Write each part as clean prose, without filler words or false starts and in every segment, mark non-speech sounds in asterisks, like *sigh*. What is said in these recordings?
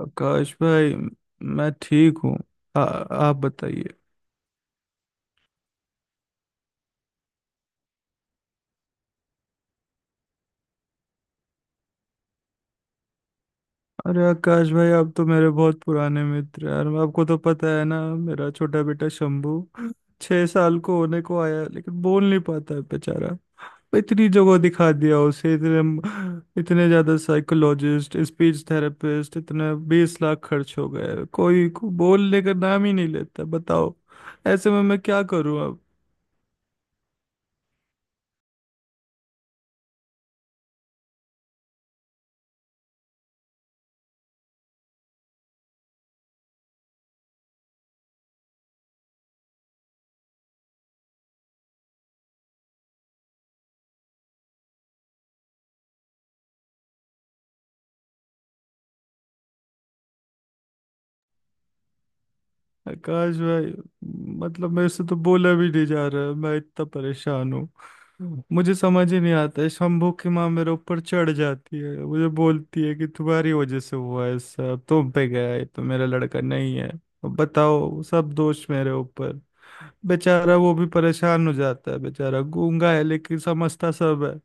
आकाश भाई, मैं ठीक हूँ। आ- आप बताइए। अरे आकाश भाई, आप तो मेरे बहुत पुराने मित्र हैं यार, आपको तो पता है ना, मेरा छोटा बेटा शंभू 6 साल को होने को आया है, लेकिन बोल नहीं पाता है बेचारा। इतनी जगह दिखा दिया उसे, इतने इतने ज्यादा साइकोलॉजिस्ट, स्पीच थेरेपिस्ट, इतने 20 लाख खर्च हो गए, कोई को बोलने का नाम ही नहीं लेता, बताओ। ऐसे में मैं क्या करूँ? आकाश भाई, मतलब मेरे से तो बोला भी नहीं जा रहा है, मैं इतना परेशान हूँ। मुझे समझ ही नहीं आता है, शंभू की माँ मेरे ऊपर चढ़ जाती है, मुझे बोलती है कि तुम्हारी वजह से हुआ है सब, तुम पे गया है तो मेरा लड़का नहीं है अब। बताओ, सब दोष मेरे ऊपर। बेचारा वो भी परेशान हो जाता है, बेचारा गूंगा है लेकिन समझता सब।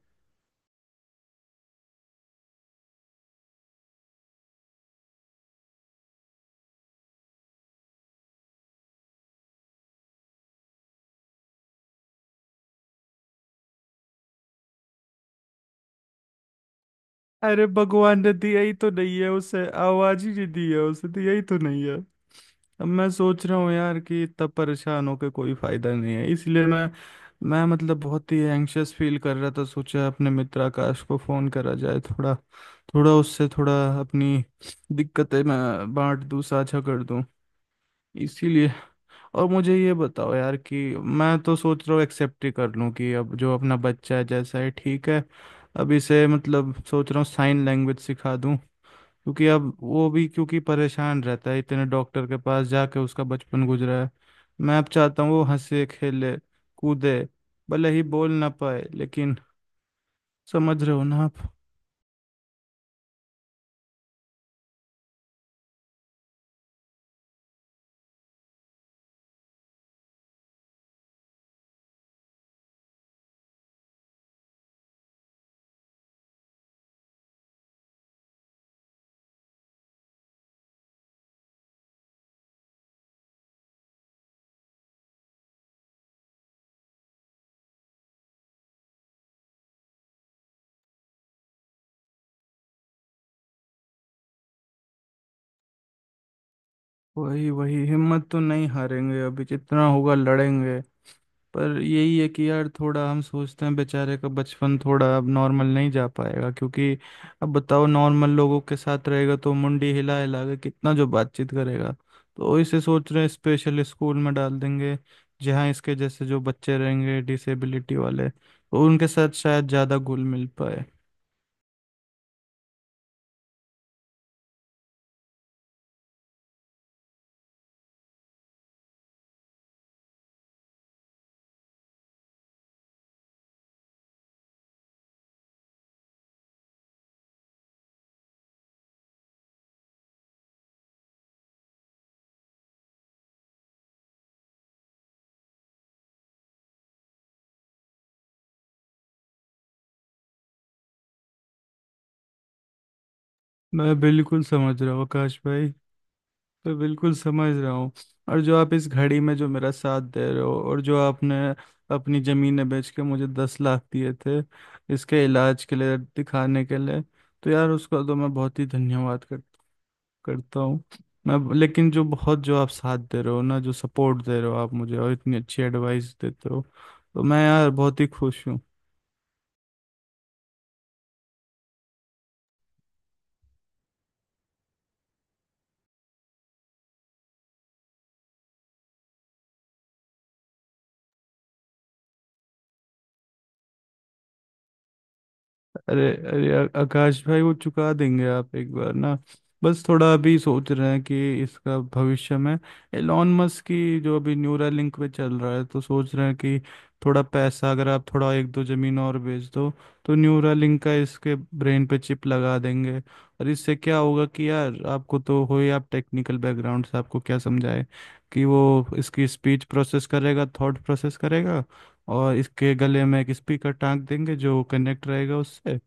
अरे भगवान ने दिया ही तो नहीं है उसे, आवाज ही नहीं दी है उसे, दिया ही तो नहीं है। अब मैं सोच रहा हूँ यार कि इतना परेशान होकर कोई फायदा नहीं है, इसलिए मैं मतलब बहुत ही एंग्शियस फील कर रहा था, सोचा अपने मित्र आकाश को फोन करा जाए। थोड़ा थोड़ा उससे, थोड़ा अपनी दिक्कतें मैं बांट दूं, साझा कर दूं, इसीलिए। और मुझे ये बताओ यार, कि मैं तो सोच रहा हूँ एक्सेप्ट ही कर लूँ कि अब जो अपना बच्चा है जैसा है ठीक है। अब इसे मतलब सोच रहा हूँ साइन लैंग्वेज सिखा दूँ, क्योंकि अब वो भी, क्योंकि परेशान रहता है, इतने डॉक्टर के पास जाके उसका बचपन गुजरा है। मैं अब चाहता हूँ वो हंसे, खेले, कूदे, भले ही बोल ना पाए, लेकिन समझ रहे हो ना आप? वही वही हिम्मत तो नहीं हारेंगे, अभी जितना होगा लड़ेंगे। पर यही है कि यार, थोड़ा हम सोचते हैं बेचारे का बचपन थोड़ा अब नॉर्मल नहीं जा पाएगा, क्योंकि अब बताओ, नॉर्मल लोगों के साथ रहेगा तो मुंडी हिला हिला के कितना जो बातचीत करेगा। तो इसे सोच रहे हैं स्पेशल स्कूल में डाल देंगे, जहाँ इसके जैसे जो बच्चे रहेंगे डिसेबिलिटी वाले, तो उनके साथ शायद ज़्यादा घुल मिल पाए। मैं बिल्कुल समझ रहा हूँ आकाश भाई, मैं बिल्कुल समझ रहा हूँ। और जो आप इस घड़ी में जो मेरा साथ दे रहे हो, और जो आपने अपनी ज़मीनें बेच के मुझे 10 लाख दिए थे, इसके इलाज के लिए, दिखाने के लिए, तो यार उसका तो मैं बहुत ही धन्यवाद करता हूँ मैं। लेकिन जो बहुत, जो आप साथ दे रहे हो ना, जो सपोर्ट दे रहे हो आप मुझे, और इतनी अच्छी एडवाइस देते हो, तो मैं यार बहुत ही खुश हूँ। अरे अरे, आकाश भाई, वो चुका देंगे आप, एक बार ना, बस थोड़ा अभी सोच रहे हैं कि इसका भविष्य में, एलॉन मस्क की जो अभी न्यूरा लिंक पे चल रहा है, तो सोच रहे हैं कि थोड़ा पैसा, अगर आप थोड़ा एक दो जमीन और बेच दो, तो न्यूरा लिंक का इसके ब्रेन पे चिप लगा देंगे। और इससे क्या होगा कि यार, आपको तो हो ही, आप टेक्निकल बैकग्राउंड से, आपको क्या समझाए, कि वो इसकी स्पीच प्रोसेस करेगा, थॉट प्रोसेस करेगा, और इसके गले में एक स्पीकर टांग देंगे जो कनेक्ट रहेगा उससे,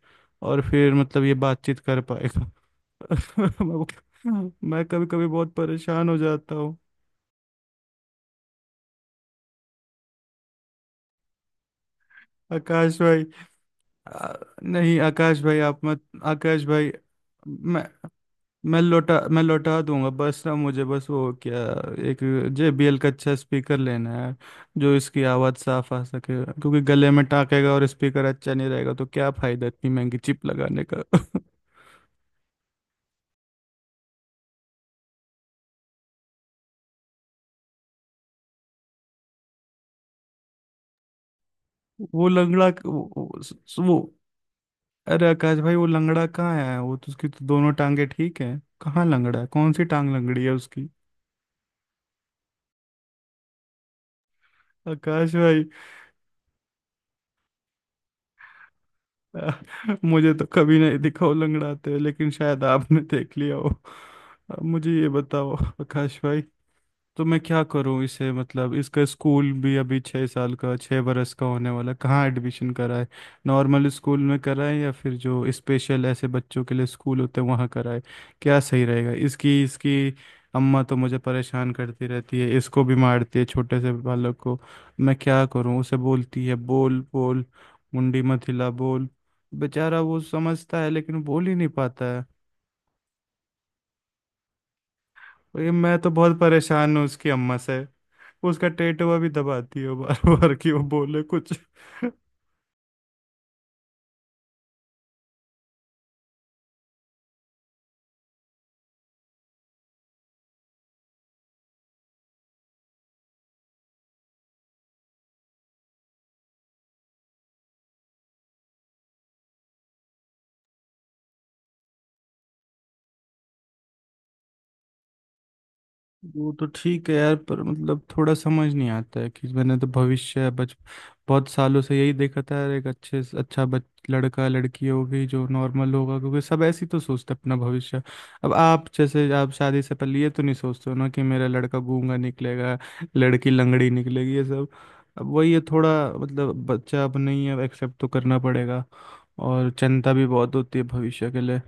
और फिर मतलब ये बातचीत कर पाएगा। *laughs* मैं कभी कभी बहुत परेशान हो जाता हूँ आकाश भाई। आ, नहीं आकाश भाई, आप मत। आकाश भाई, मैं मैं लौटा दूंगा, बस ना मुझे, बस वो क्या, एक JBL का अच्छा स्पीकर लेना है, जो इसकी आवाज़ साफ आ सके, क्योंकि गले में टाँकेगा और स्पीकर अच्छा नहीं रहेगा तो क्या फायदा इतनी महंगी चिप लगाने का। *laughs* वो लंगड़ा, वो, अरे आकाश भाई, वो लंगड़ा कहाँ है? वो तो, उसकी तो दोनों टांगे ठीक है, कहाँ लंगड़ा है, कौन सी टांग लंगड़ी है उसकी? आकाश भाई, अ, मुझे तो कभी नहीं दिखा वो लंगड़ाते हुए, लेकिन शायद आपने देख लिया हो। अब मुझे ये बताओ आकाश भाई, तो मैं क्या करूं इसे? मतलब इसका स्कूल भी अभी, 6 साल का, 6 बरस का होने वाला, कहाँ एडमिशन कराए? नॉर्मल स्कूल में कराए, या फिर जो स्पेशल ऐसे बच्चों के लिए स्कूल होते हैं वहाँ कराए? क्या सही रहेगा? इसकी इसकी अम्मा तो मुझे परेशान करती रहती है, इसको भी मारती है छोटे से बालक को। मैं क्या करूं, उसे बोलती है, बोल बोल, मुंडी मत हिला बोल। बेचारा वो समझता है लेकिन बोल ही नहीं पाता है। और ये मैं तो बहुत परेशान हूँ उसकी अम्मा से, वो उसका टेटवा भी दबाती है बार बार कि वो बोले कुछ। वो तो ठीक है यार, पर मतलब थोड़ा समझ नहीं आता है, कि मैंने तो भविष्य, बच बहुत सालों से यही देखा था यार, एक अच्छे से अच्छा बच लड़का लड़की होगी जो नॉर्मल होगा, क्योंकि सब ऐसी तो सोचते हैं अपना भविष्य। अब आप जैसे, आप शादी से पहले ये तो नहीं सोचते हो ना, कि मेरा लड़का गूंगा निकलेगा, लड़की लंगड़ी निकलेगी, ये सब। अब वही है थोड़ा, मतलब बच्चा अब नहीं है, अब एक्सेप्ट तो करना पड़ेगा। और चिंता भी बहुत होती है भविष्य के लिए।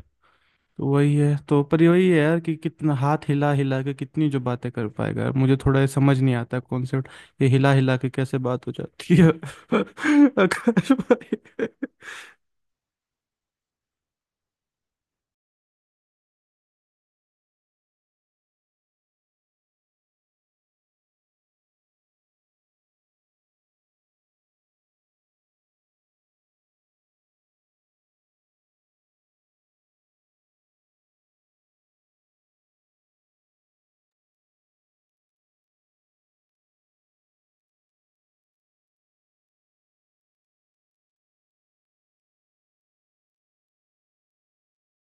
तो वही है, तो पर वही है यार, कि कितना हाथ हिला हिला के कितनी जो बातें कर पाएगा यार, मुझे थोड़ा ये समझ नहीं आता कॉन्सेप्ट, ये हिला हिला के कैसे बात हो जाती है। *laughs* आकाश भाई,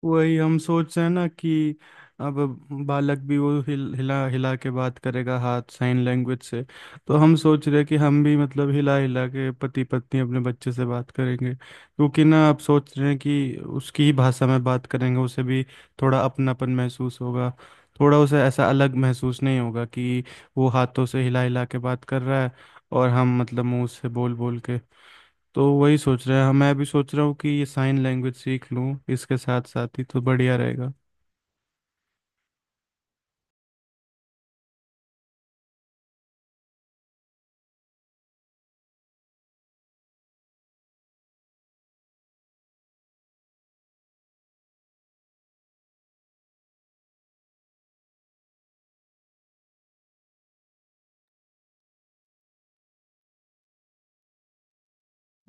वही हम सोच रहे हैं ना, कि अब बालक भी वो हिला हिला के बात करेगा, हाथ, साइन लैंग्वेज से, तो हम सोच रहे हैं कि हम भी मतलब हिला हिला के पति पत्नी अपने बच्चे से बात करेंगे, क्योंकि ना अब सोच रहे हैं कि उसकी ही भाषा में बात करेंगे, उसे भी थोड़ा अपनापन महसूस होगा, थोड़ा उसे ऐसा अलग महसूस नहीं होगा, कि वो हाथों से हिला हिला के बात कर रहा है और हम मतलब मुंह से बोल बोल के। तो वही सोच रहा है, हाँ, मैं भी सोच रहा हूँ कि ये साइन लैंग्वेज सीख लूँ इसके साथ साथ ही तो बढ़िया रहेगा।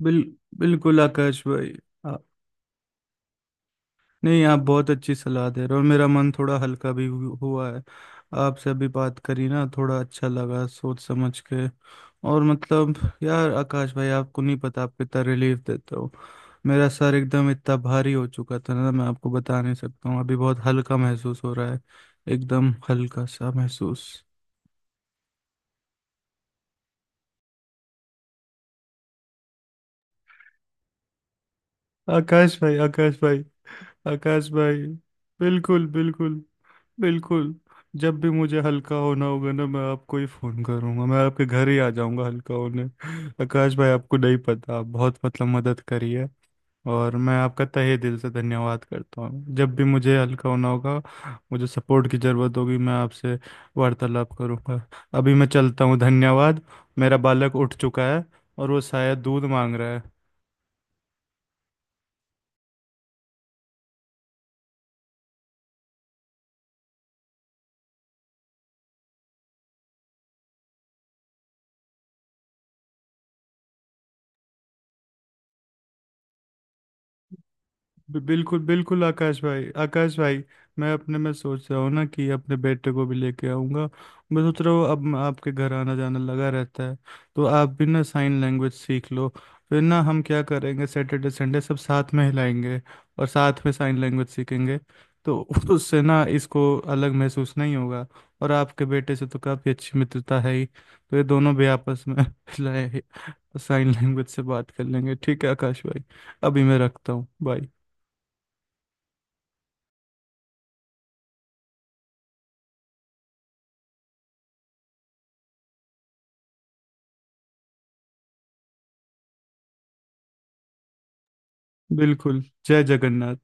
बिल बिल्कुल आकाश भाई, आ, नहीं, आप बहुत अच्छी सलाह दे रहे हो, मेरा मन थोड़ा हल्का भी हुआ है, आपसे अभी बात करी ना, थोड़ा अच्छा लगा सोच समझ के। और मतलब, यार आकाश भाई, आपको नहीं पता आप कितना रिलीफ देते हो। मेरा सर एकदम इतना भारी हो चुका था ना, मैं आपको बता नहीं सकता हूँ, अभी बहुत हल्का महसूस हो रहा है, एकदम हल्का सा महसूस। आकाश भाई, आकाश भाई, आकाश भाई, बिल्कुल, बिल्कुल, बिल्कुल। जब भी मुझे हल्का होना होगा ना, मैं आपको ही फोन करूंगा, मैं आपके घर ही आ जाऊंगा हल्का होने। आकाश भाई, आपको नहीं पता, आप बहुत मतलब मदद करी है, और मैं आपका तहे दिल से धन्यवाद करता हूँ। जब भी मुझे हल्का होना होगा, मुझे सपोर्ट की ज़रूरत होगी, मैं आपसे वार्तालाप करूंगा। अभी मैं चलता हूँ, धन्यवाद। मेरा बालक उठ चुका है, और वो शायद दूध मांग रहा है। बिल्कुल बिल्कुल आकाश भाई, आकाश भाई, मैं अपने में सोच रहा हूँ ना, कि अपने बेटे को भी लेके आऊँगा। मैं सोच रहा हूँ, अब मैं आपके घर आना जाना लगा रहता है, तो आप भी ना साइन लैंग्वेज सीख लो, फिर ना हम क्या करेंगे, सैटरडे संडे सब साथ में हिलाएंगे और साथ में साइन लैंग्वेज सीखेंगे, तो *laughs* उससे ना इसको अलग महसूस नहीं होगा। और आपके बेटे से तो काफ़ी अच्छी मित्रता है ही, तो ये दोनों भी आपस में *laughs* हिलाए, साइन लैंग्वेज से बात कर लेंगे। ठीक है आकाश भाई, अभी मैं रखता हूँ, बाय। बिल्कुल, जय जगन्नाथ।